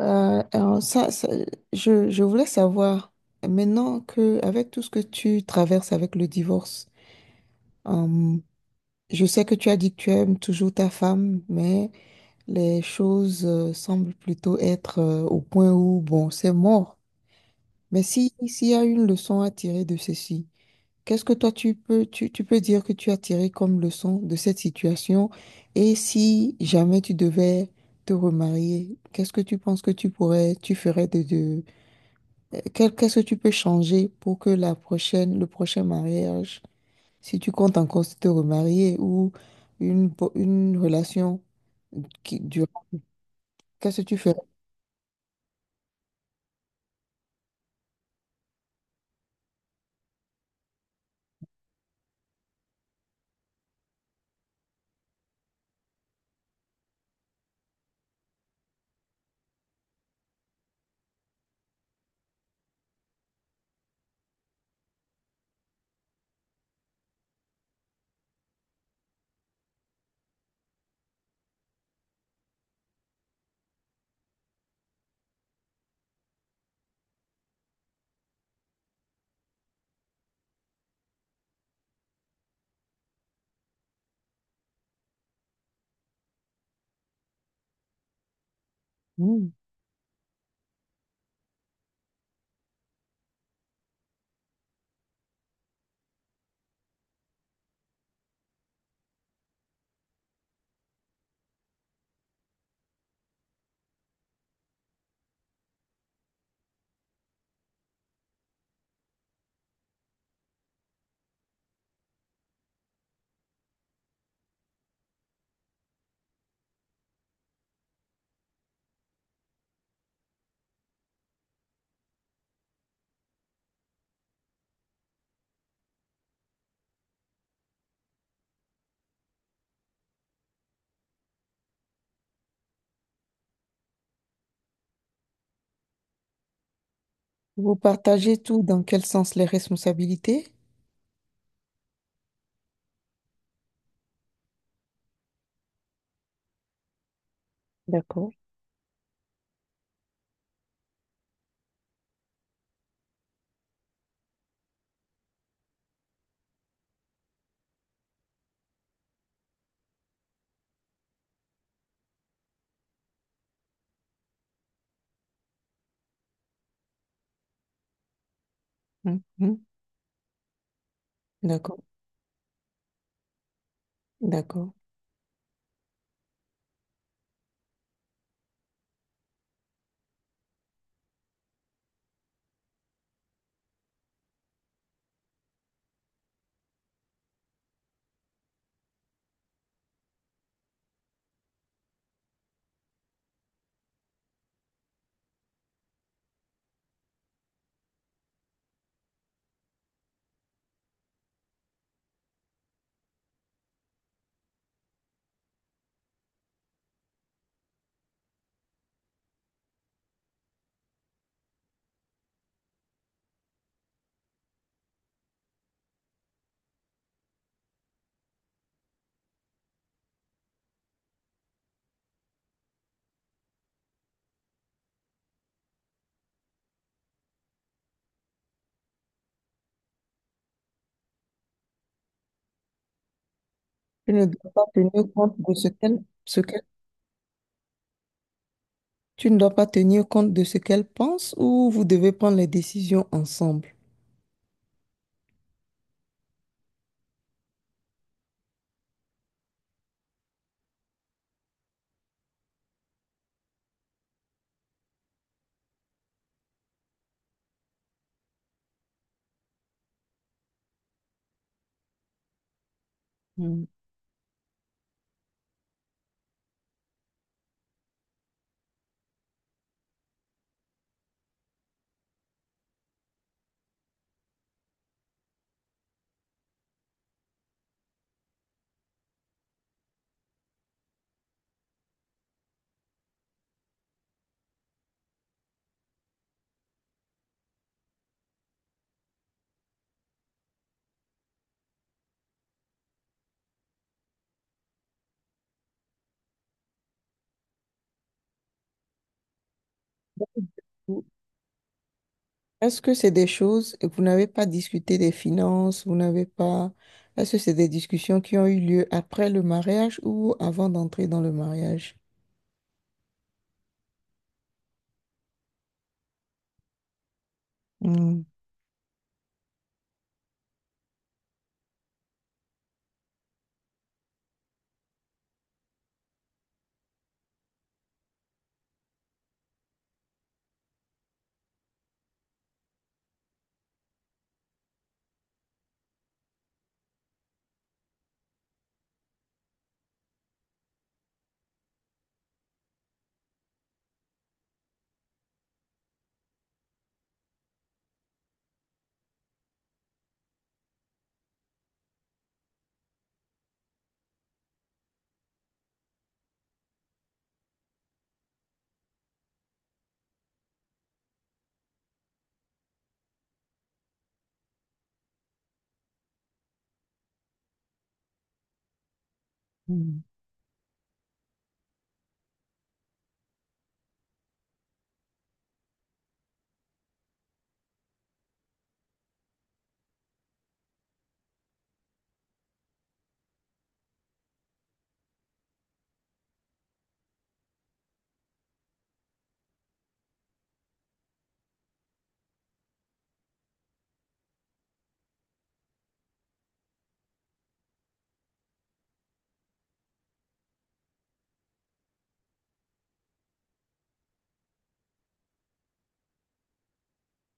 Alors ça, je voulais savoir, maintenant que avec tout ce que tu traverses avec le divorce, euh, je sais que tu as dit que tu aimes toujours ta femme, mais les choses semblent plutôt être au point où, bon, c'est mort. Mais si, s'il y a une leçon à tirer de ceci, qu'est-ce que toi tu peux, tu peux dire que tu as tiré comme leçon de cette situation? Et si jamais tu devais te remarier, qu'est-ce que tu penses que tu pourrais, tu ferais de Qu'est-ce que tu peux changer pour que le prochain mariage, si tu comptes encore te remarier ou une, une relation qui dure, qu'est-ce que tu ferais? Hmm. Vous partagez tout dans quel sens? Les responsabilités? D'accord. Mhm. D'accord. D'accord. Tu ne dois pas tenir compte de ce qu'elle... Tu ne dois pas tenir compte de ce qu'elle pense ou vous devez prendre les décisions ensemble? Mm. Est-ce que c'est des choses, et vous n'avez pas discuté des finances, vous n'avez pas... Est-ce que c'est des discussions qui ont eu lieu après le mariage ou avant d'entrer dans le mariage? Hmm, hmm.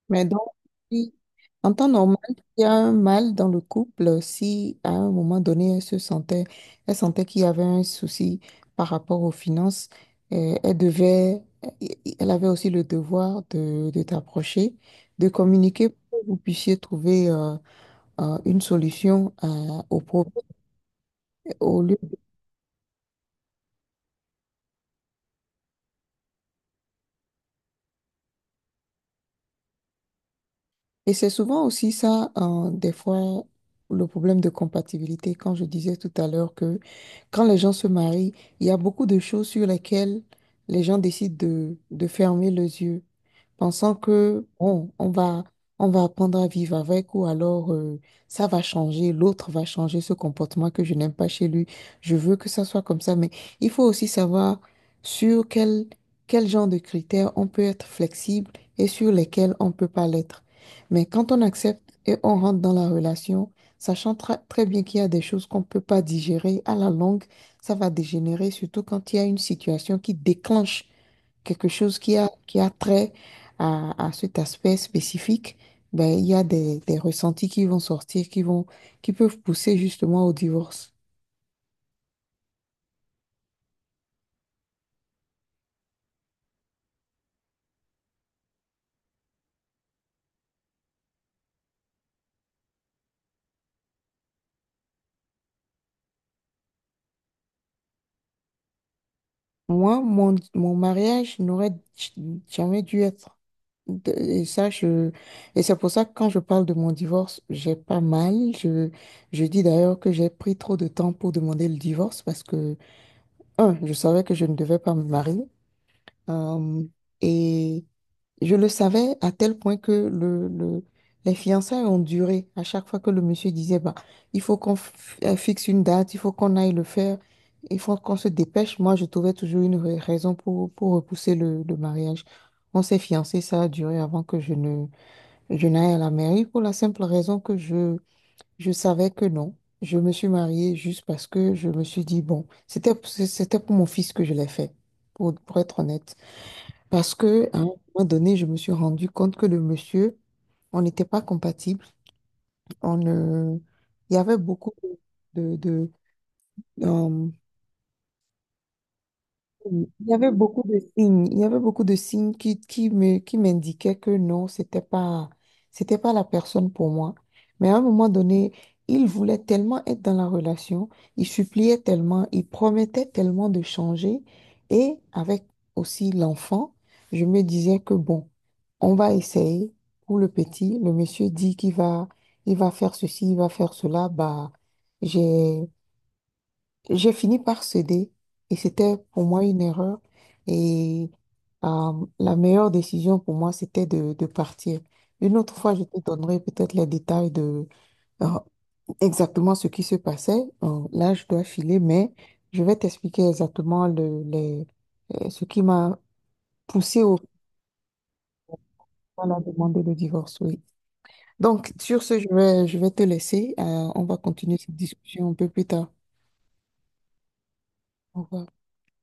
Mais donc, si- en temps normal, il y a un mâle dans le couple, si à un moment donné, elle sentait qu'il y avait un souci par rapport aux finances, euh, elle devait, elle avait aussi le devoir de t'approcher, de communiquer pour que vous puissiez trouver... une solution au problème au lieu. Et c'est souvent aussi ça, des fois, le problème de compatibilité. Quand je disais tout à l'heure que quand les gens se marient, il y a beaucoup de choses sur lesquelles les gens décident de fermer les yeux, pensant que, bon, on va apprendre à vivre avec ou alors ça va changer, l'autre va changer ce comportement que je n'aime pas chez lui. Je veux que ça soit comme ça, mais il faut aussi savoir sur quel, quel genre de critères on peut être flexible et sur lesquels on ne peut pas l'être. Mais quand on accepte et on rentre dans la relation, sachant très bien qu'il y a des choses qu'on ne peut pas digérer, à la longue, ça va dégénérer, surtout quand il y a une situation qui déclenche quelque chose qui a trait à cet aspect spécifique. Ben, il y a des ressentis qui vont sortir, qui vont, qui peuvent pousser justement au divorce. Moi, mon mariage n'aurait j- jamais dû être Et ça, je... Et c'est pour ça que quand je parle de mon divorce, j'ai pas mal. Je dis d'ailleurs que j'ai pris trop de temps pour demander le divorce parce que, un, je savais que je ne devais pas me marier. Euh, et je le savais à tel point que les fiançailles ont duré. À chaque fois que le monsieur disait, bah, il faut qu'on f- fixe une date, il faut qu'on aille le faire, il faut qu'on se dépêche, moi, je trouvais toujours une raison pour repousser le mariage. On s'est fiancés, ça a duré avant que je ne, je n'aille à la mairie pour la simple raison que je savais que non. Je me suis mariée juste parce que je me suis dit, bon, c'était pour mon fils que je l'ai fait, pour être honnête. Parce que, à un moment donné, je me suis rendu compte que le monsieur, on n'était pas compatible. On, ne- Il y avait beaucoup de, de, Oui, il y avait beaucoup de signes, il y avait beaucoup de signes qui, qui m'indiquaient que non, c'était pas la personne pour moi. Mais à un moment donné, il voulait tellement être dans la relation, il suppliait tellement, il promettait tellement de changer. Et avec aussi l'enfant, je me disais que bon, on va essayer pour le petit. Le monsieur dit qu'il va, il va faire ceci, il va faire cela. Bah, j'ai j'ai fini par céder et c'était pour moi une erreur. Et la meilleure décision pour moi, c'était de partir. Une autre fois, je te donnerai peut-être les détails de euh, exactement ce qui se passait. Là, je dois filer, mais je vais t'expliquer exactement les, ce qui m'a poussé au à la demander le divorce, oui. Donc, sur ce, je vais te laisser. On va continuer cette discussion un peu plus tard. Au revoir.